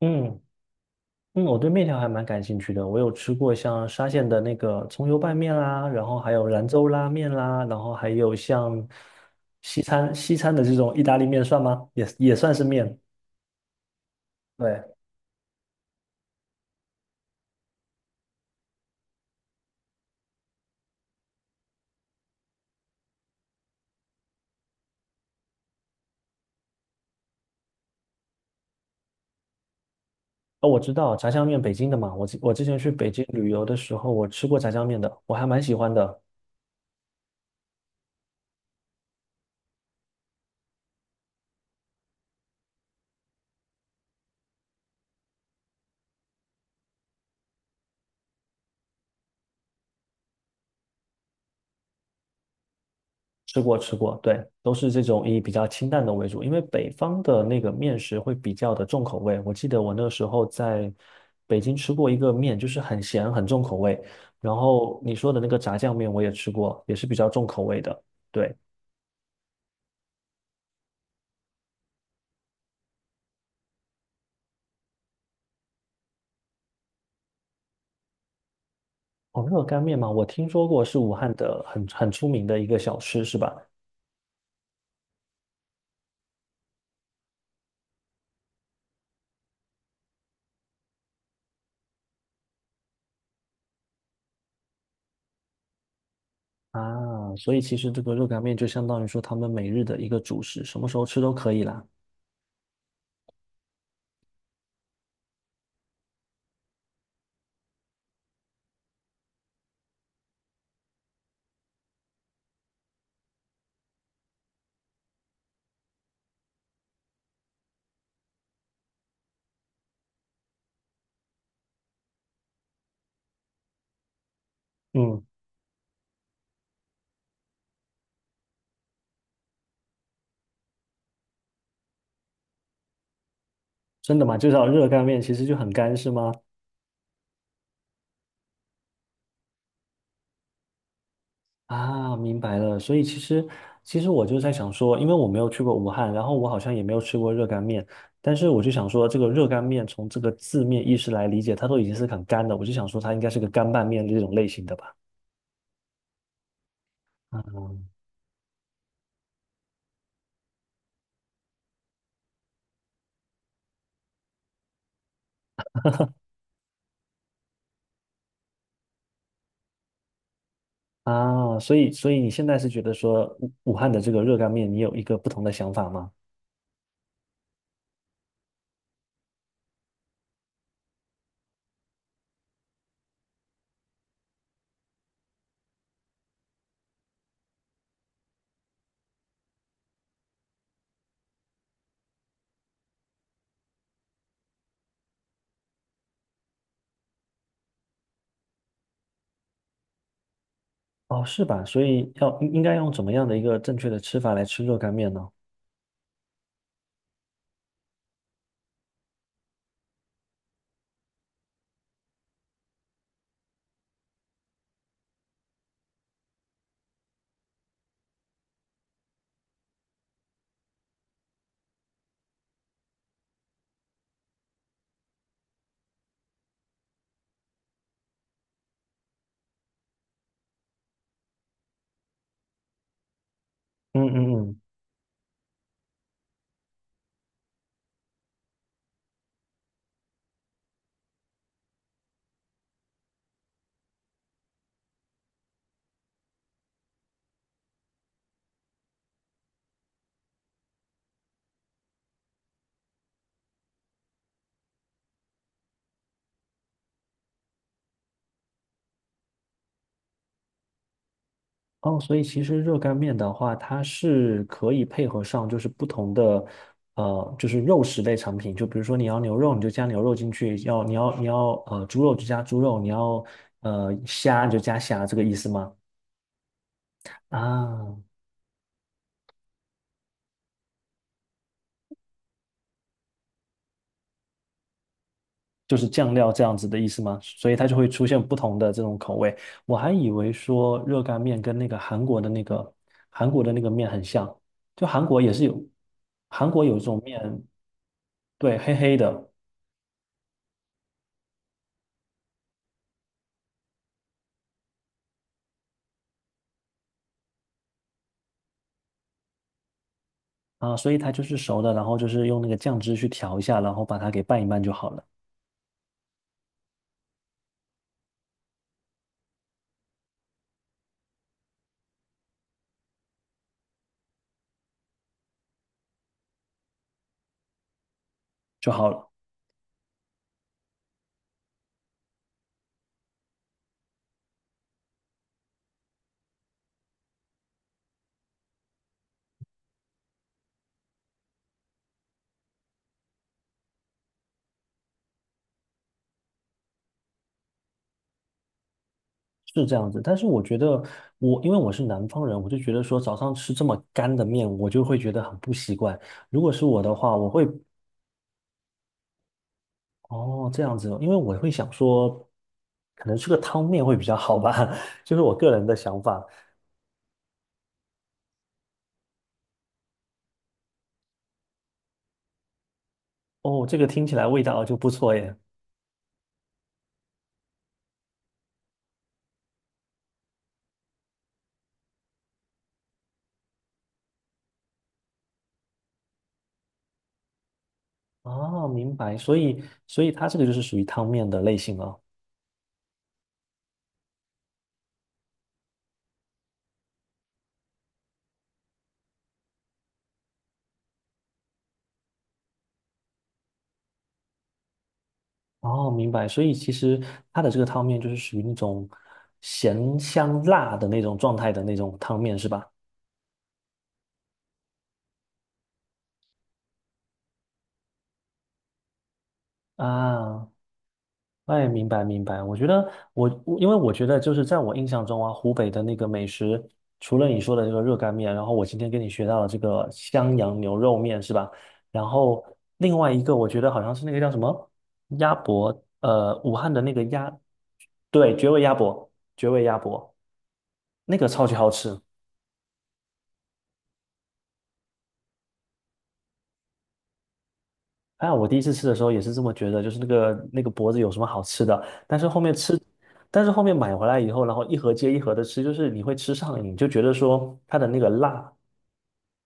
嗯我对面条还蛮感兴趣的。我有吃过像沙县的那个葱油拌面啦，然后还有兰州拉面啦，然后还有像西餐的这种意大利面算吗？也算是面。对，哦，我知道炸酱面北京的嘛，我之前去北京旅游的时候，我吃过炸酱面的，我还蛮喜欢的。吃过，对，都是这种以比较清淡的为主，因为北方的那个面食会比较的重口味。我记得我那时候在北京吃过一个面，就是很咸，很重口味。然后你说的那个炸酱面我也吃过，也是比较重口味的。对，哦，热干面嘛，我听说过是武汉的很出名的一个小吃，是吧？啊，所以其实这个热干面就相当于说他们每日的一个主食，什么时候吃都可以啦。嗯，真的吗？就叫热干面，其实就很干，是吗？啊，明白了。所以其实，其实我就在想说，因为我没有去过武汉，然后我好像也没有吃过热干面，但是我就想说，这个热干面从这个字面意思来理解，它都已经是很干的，我就想说它应该是个干拌面这种类型的吧。啊，啊，所以所以你现在是觉得说武汉的这个热干面，你有一个不同的想法吗？哦，是吧？所以要应该用怎么样的一个正确的吃法来吃热干面呢？嗯嗯嗯。哦，所以其实热干面的话，它是可以配合上就是不同的，就是肉食类产品。就比如说你要牛肉，你就加牛肉进去；要你要猪肉就加猪肉，你要虾你就加虾，这个意思吗？啊，就是酱料这样子的意思吗？所以它就会出现不同的这种口味。我还以为说热干面跟那个韩国的那个面很像，就韩国也是有，韩国有一种面，对，黑黑的。啊，所以它就是熟的，然后就是用那个酱汁去调一下，然后把它给拌一拌就好了。是这样子。但是我觉得我，因为我是南方人，我就觉得说早上吃这么干的面，我就会觉得很不习惯。如果是我的话，我会，哦，这样子哦因为我会想说，可能吃个汤面会比较好吧，就是我个人的想法。哦，这个听起来味道就不错耶。哦，明白，所以所以它这个就是属于汤面的类型了。哦，明白。所以其实它的这个汤面就是属于那种咸香辣的那种状态的那种汤面，是吧？啊，哎，明白明白。我觉得我，我因为我觉得就是在我印象中啊，湖北的那个美食，除了你说的这个热干面，然后我今天跟你学到了这个襄阳牛肉面，是吧？然后另外一个我觉得好像是那个叫什么鸭脖，武汉的那个鸭，对，绝味鸭脖，绝味鸭脖，那个超级好吃。哎呀，我第一次吃的时候也是这么觉得，就是那个脖子有什么好吃的？但是后面吃，但是后面买回来以后，然后一盒接一盒的吃，就是你会吃上瘾，就觉得说它的那个辣，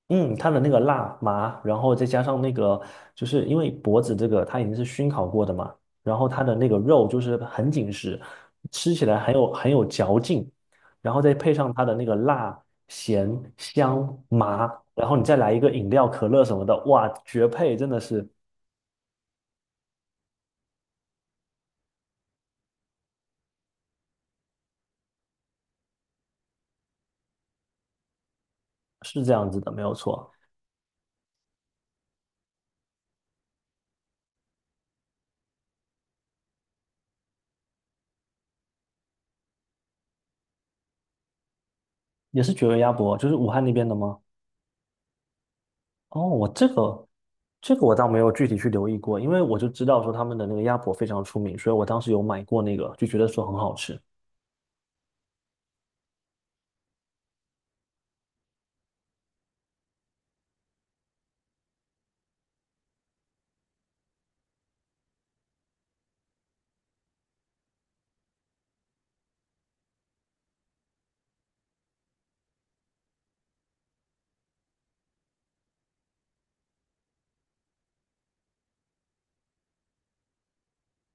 嗯，它的那个辣麻，然后再加上那个，就是因为脖子这个它已经是熏烤过的嘛，然后它的那个肉就是很紧实，吃起来很有嚼劲，然后再配上它的那个辣、咸、香、麻，然后你再来一个饮料、可乐什么的，哇，绝配，真的是。是这样子的，没有错，也是绝味鸭脖，就是武汉那边的吗？哦，我这个这个我倒没有具体去留意过，因为我就知道说他们的那个鸭脖非常出名，所以我当时有买过那个，就觉得说很好吃。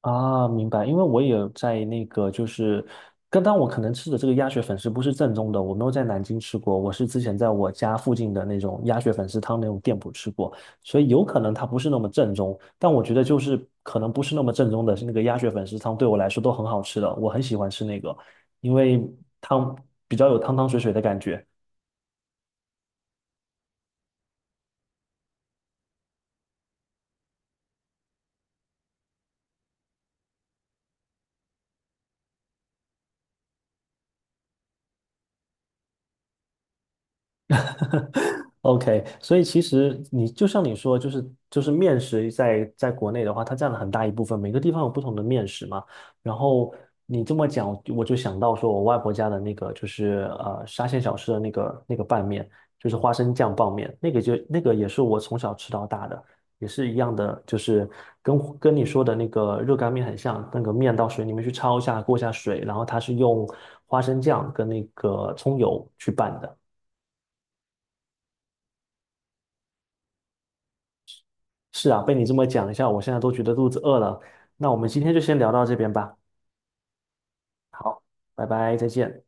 啊，明白，因为我也有在那个，就是刚刚我可能吃的这个鸭血粉丝不是正宗的，我没有在南京吃过，我是之前在我家附近的那种鸭血粉丝汤那种店铺吃过，所以有可能它不是那么正宗，但我觉得就是可能不是那么正宗的是那个鸭血粉丝汤对我来说都很好吃的，我很喜欢吃那个，因为汤比较有汤汤水水的感觉。OK,所以其实你就像你说，就是面食在国内的话，它占了很大一部分，每个地方有不同的面食嘛。然后你这么讲，我就想到说我外婆家的那个就是沙县小吃的那个拌面，就是花生酱拌面，那个就那个也是我从小吃到大的，也是一样的，就是跟你说的那个热干面很像，那个面到水里面去焯一下，过一下水，然后它是用花生酱跟那个葱油去拌的。是啊，被你这么讲一下，我现在都觉得肚子饿了。那我们今天就先聊到这边吧，拜拜，再见。